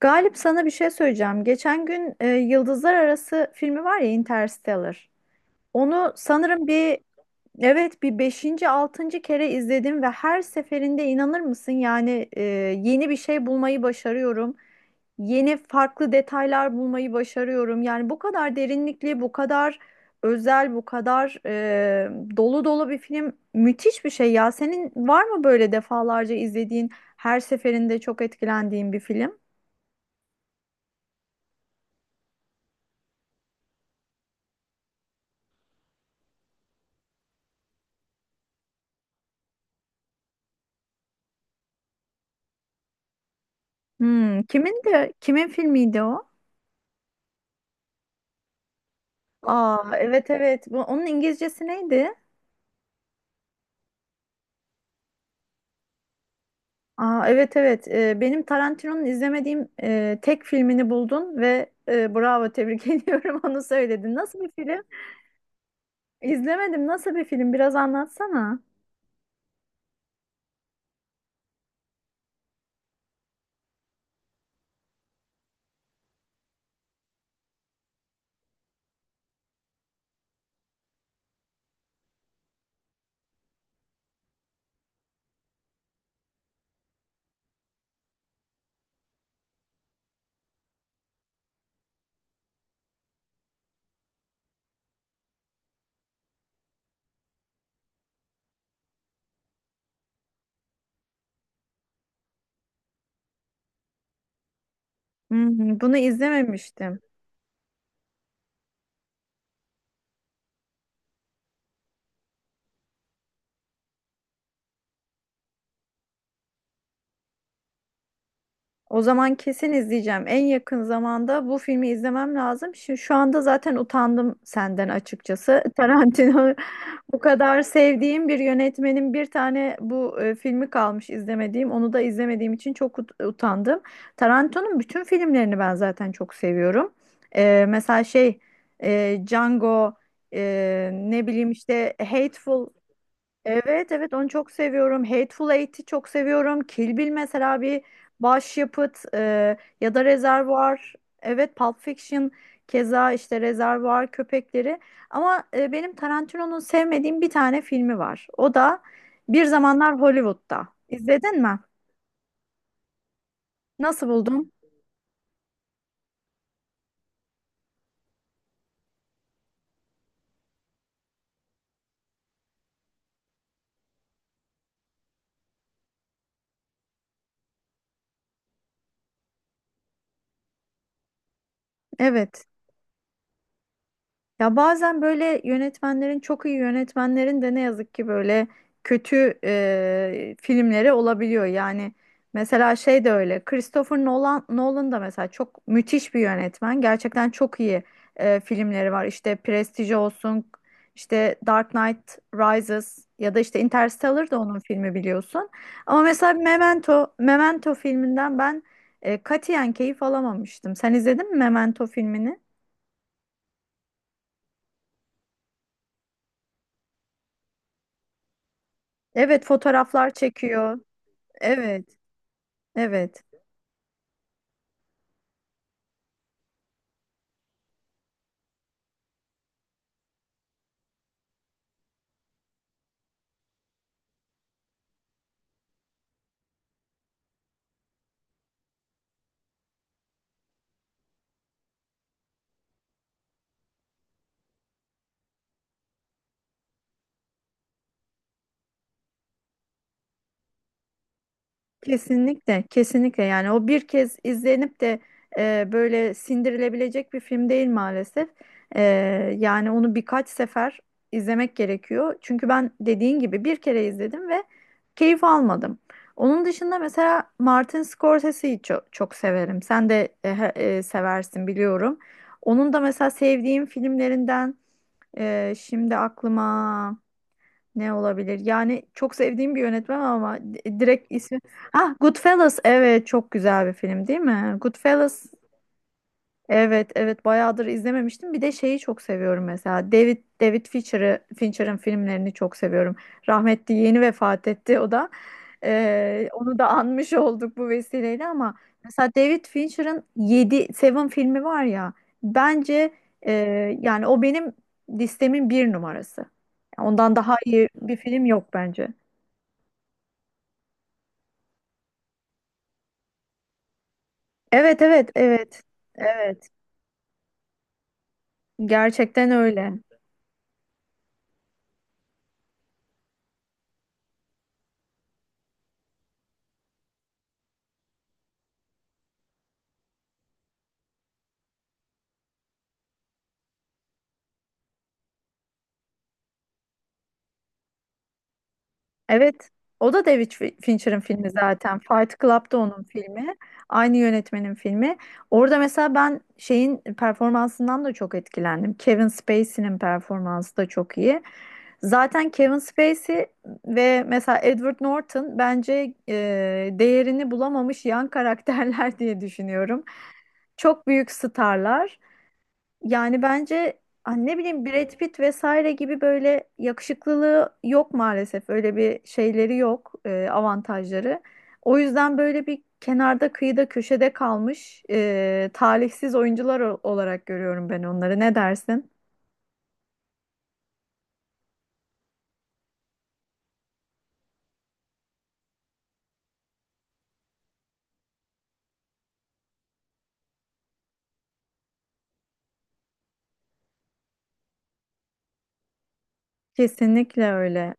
Galip, sana bir şey söyleyeceğim. Geçen gün Yıldızlar Arası filmi var ya, Interstellar. Onu sanırım evet, bir beşinci altıncı kere izledim ve her seferinde inanır mısın yani, yeni bir şey bulmayı başarıyorum. Yeni farklı detaylar bulmayı başarıyorum. Yani bu kadar derinlikli, bu kadar özel, bu kadar dolu dolu bir film, müthiş bir şey ya. Senin var mı böyle defalarca izlediğin, her seferinde çok etkilendiğin bir film? Hmm, kimin de kimin filmiydi o? Aa, evet evet. Bu, onun İngilizcesi neydi? Aa, evet evet. Benim Tarantino'nun izlemediğim tek filmini buldun ve bravo, tebrik ediyorum, onu söyledin. Nasıl bir film? İzlemedim. Nasıl bir film? Biraz anlatsana. Hmm, bunu izlememiştim. O zaman kesin izleyeceğim. En yakın zamanda bu filmi izlemem lazım. Şimdi şu anda zaten utandım senden açıkçası. Tarantino Bu kadar sevdiğim bir yönetmenin bir tane bu filmi kalmış izlemediğim. Onu da izlemediğim için çok utandım. Tarantino'nun bütün filmlerini ben zaten çok seviyorum. Mesela şey, Django, ne bileyim işte Hateful. Evet evet, onu çok seviyorum. Hateful Eight'i çok seviyorum. Kill Bill mesela bir başyapıt, ya da Rezervuar. Evet, Pulp Fiction, keza işte Rezervuar Köpekleri. Ama benim Tarantino'nun sevmediğim bir tane filmi var. O da Bir Zamanlar Hollywood'da. İzledin mi? Nasıl buldun? Evet. Ya bazen böyle yönetmenlerin, çok iyi yönetmenlerin de ne yazık ki böyle kötü filmleri olabiliyor. Yani mesela şey de öyle. Christopher Nolan da mesela çok müthiş bir yönetmen. Gerçekten çok iyi filmleri var. İşte Prestige olsun, işte Dark Knight Rises ya da işte Interstellar da onun filmi biliyorsun. Ama mesela Memento filminden ben katiyen keyif alamamıştım. Sen izledin mi Memento filmini? Evet, fotoğraflar çekiyor. Evet, evet. Kesinlikle, kesinlikle. Yani o bir kez izlenip de böyle sindirilebilecek bir film değil maalesef. E, Yani onu birkaç sefer izlemek gerekiyor. Çünkü ben dediğin gibi bir kere izledim ve keyif almadım. Onun dışında mesela Martin Scorsese'yi çok, çok severim. Sen de seversin biliyorum. Onun da mesela sevdiğim filmlerinden şimdi aklıma. Ne olabilir? Yani çok sevdiğim bir yönetmen ama direkt ismi. Ah, Goodfellas. Evet, çok güzel bir film değil mi? Goodfellas. Evet, evet, bayağıdır izlememiştim. Bir de şeyi çok seviyorum mesela. David Fincher'ın filmlerini çok seviyorum. Rahmetli yeni vefat etti o da. Onu da anmış olduk bu vesileyle, ama mesela David Fincher'ın yedi, Seven filmi var ya. Bence, e, yani o benim listemin bir numarası. Ondan daha iyi bir film yok bence. Evet, evet, evet. Evet. Gerçekten öyle. Evet. O da David Fincher'ın filmi zaten. Fight Club'da onun filmi. Aynı yönetmenin filmi. Orada mesela ben şeyin performansından da çok etkilendim. Kevin Spacey'nin performansı da çok iyi. Zaten Kevin Spacey ve mesela Edward Norton bence değerini bulamamış yan karakterler diye düşünüyorum. Çok büyük starlar. Yani bence hani ne bileyim Brad Pitt vesaire gibi böyle yakışıklılığı yok maalesef. Öyle bir şeyleri yok, avantajları. O yüzden böyle bir kenarda, kıyıda, köşede kalmış talihsiz oyuncular olarak görüyorum ben onları. Ne dersin? Kesinlikle öyle.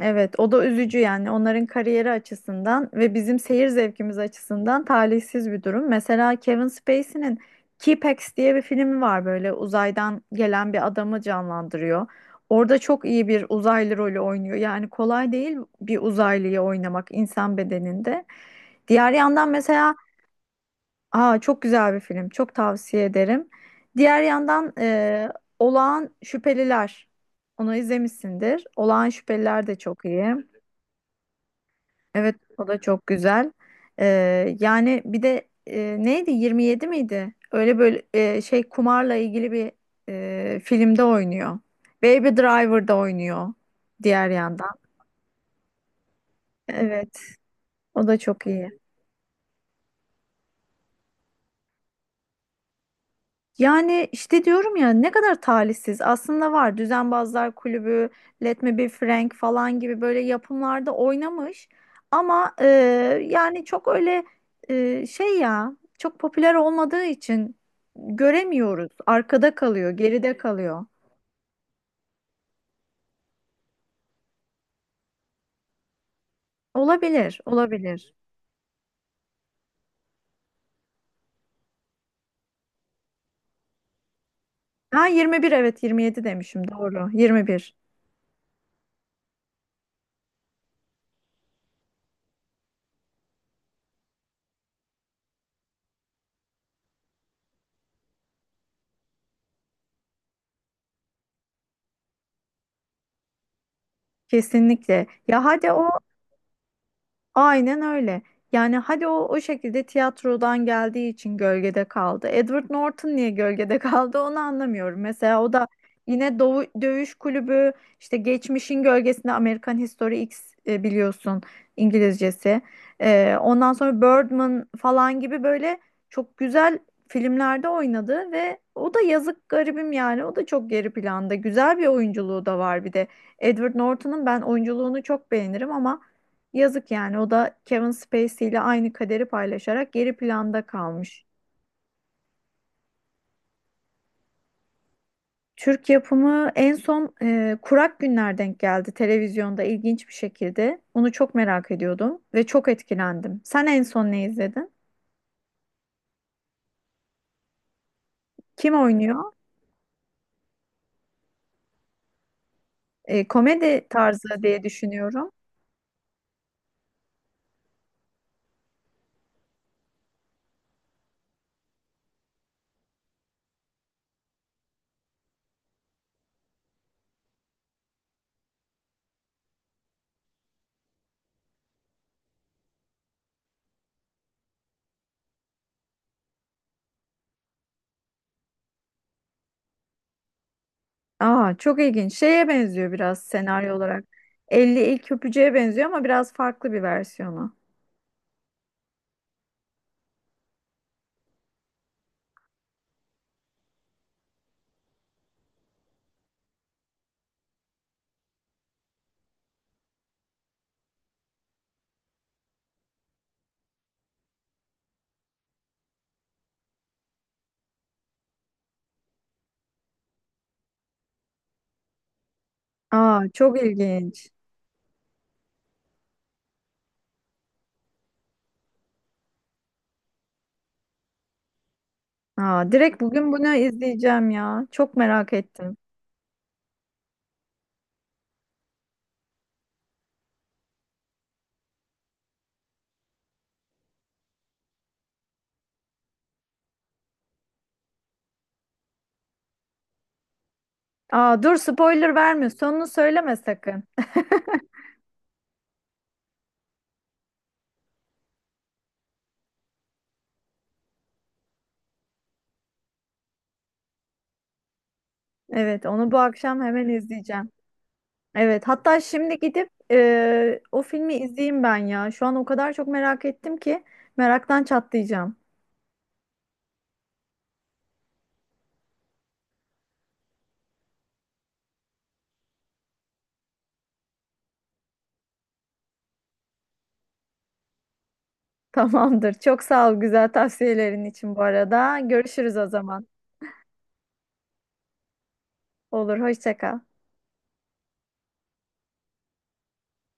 Evet, o da üzücü yani onların kariyeri açısından ve bizim seyir zevkimiz açısından talihsiz bir durum. Mesela Kevin Spacey'nin t diye bir filmi var, böyle uzaydan gelen bir adamı canlandırıyor. Orada çok iyi bir uzaylı rolü oynuyor. Yani kolay değil bir uzaylıyı oynamak insan bedeninde. Diğer yandan mesela, aa çok güzel bir film. Çok tavsiye ederim. Diğer yandan Olağan Şüpheliler. Onu izlemişsindir. Olağan Şüpheliler de çok iyi. Evet, o da çok güzel. Yani bir de neydi, 27 miydi? Öyle böyle şey, kumarla ilgili bir filmde oynuyor. Baby Driver'da oynuyor diğer yandan. Evet, o da çok iyi. Yani işte diyorum ya ne kadar talihsiz. Aslında var Düzenbazlar Kulübü, Let Me Be Frank falan gibi böyle yapımlarda oynamış. Ama yani çok öyle, şey ya çok popüler olmadığı için göremiyoruz. Arkada kalıyor, geride kalıyor. Olabilir, olabilir. Ha, 21, evet 27 demişim, doğru. 21 kesinlikle. Ya hadi o. Aynen öyle. Yani hadi o şekilde tiyatrodan geldiği için gölgede kaldı. Edward Norton niye gölgede kaldı onu anlamıyorum. Mesela o da yine Doğu, Dövüş Kulübü, işte geçmişin gölgesinde, American History X, biliyorsun İngilizcesi. Ondan sonra Birdman falan gibi böyle çok güzel filmlerde oynadı ve o da yazık, garibim, yani o da çok geri planda. Güzel bir oyunculuğu da var bir de. Edward Norton'un ben oyunculuğunu çok beğenirim ama. Yazık yani, o da Kevin Spacey ile aynı kaderi paylaşarak geri planda kalmış. Türk yapımı en son Kurak Günler denk geldi televizyonda ilginç bir şekilde. Onu çok merak ediyordum ve çok etkilendim. Sen en son ne izledin? Kim oynuyor? Komedi tarzı diye düşünüyorum. Aa, çok ilginç. Şeye benziyor biraz senaryo olarak. Elli ilk öpücüğe benziyor ama biraz farklı bir versiyonu. Aa, çok ilginç. Aa, direkt bugün bunu izleyeceğim ya. Çok merak ettim. Aa, dur, spoiler verme. Sonunu söyleme sakın. Evet, onu bu akşam hemen izleyeceğim. Evet, hatta şimdi gidip o filmi izleyeyim ben ya. Şu an o kadar çok merak ettim ki meraktan çatlayacağım. Tamamdır. Çok sağ ol, güzel tavsiyelerin için bu arada. Görüşürüz o zaman. Olur, hoşça kal.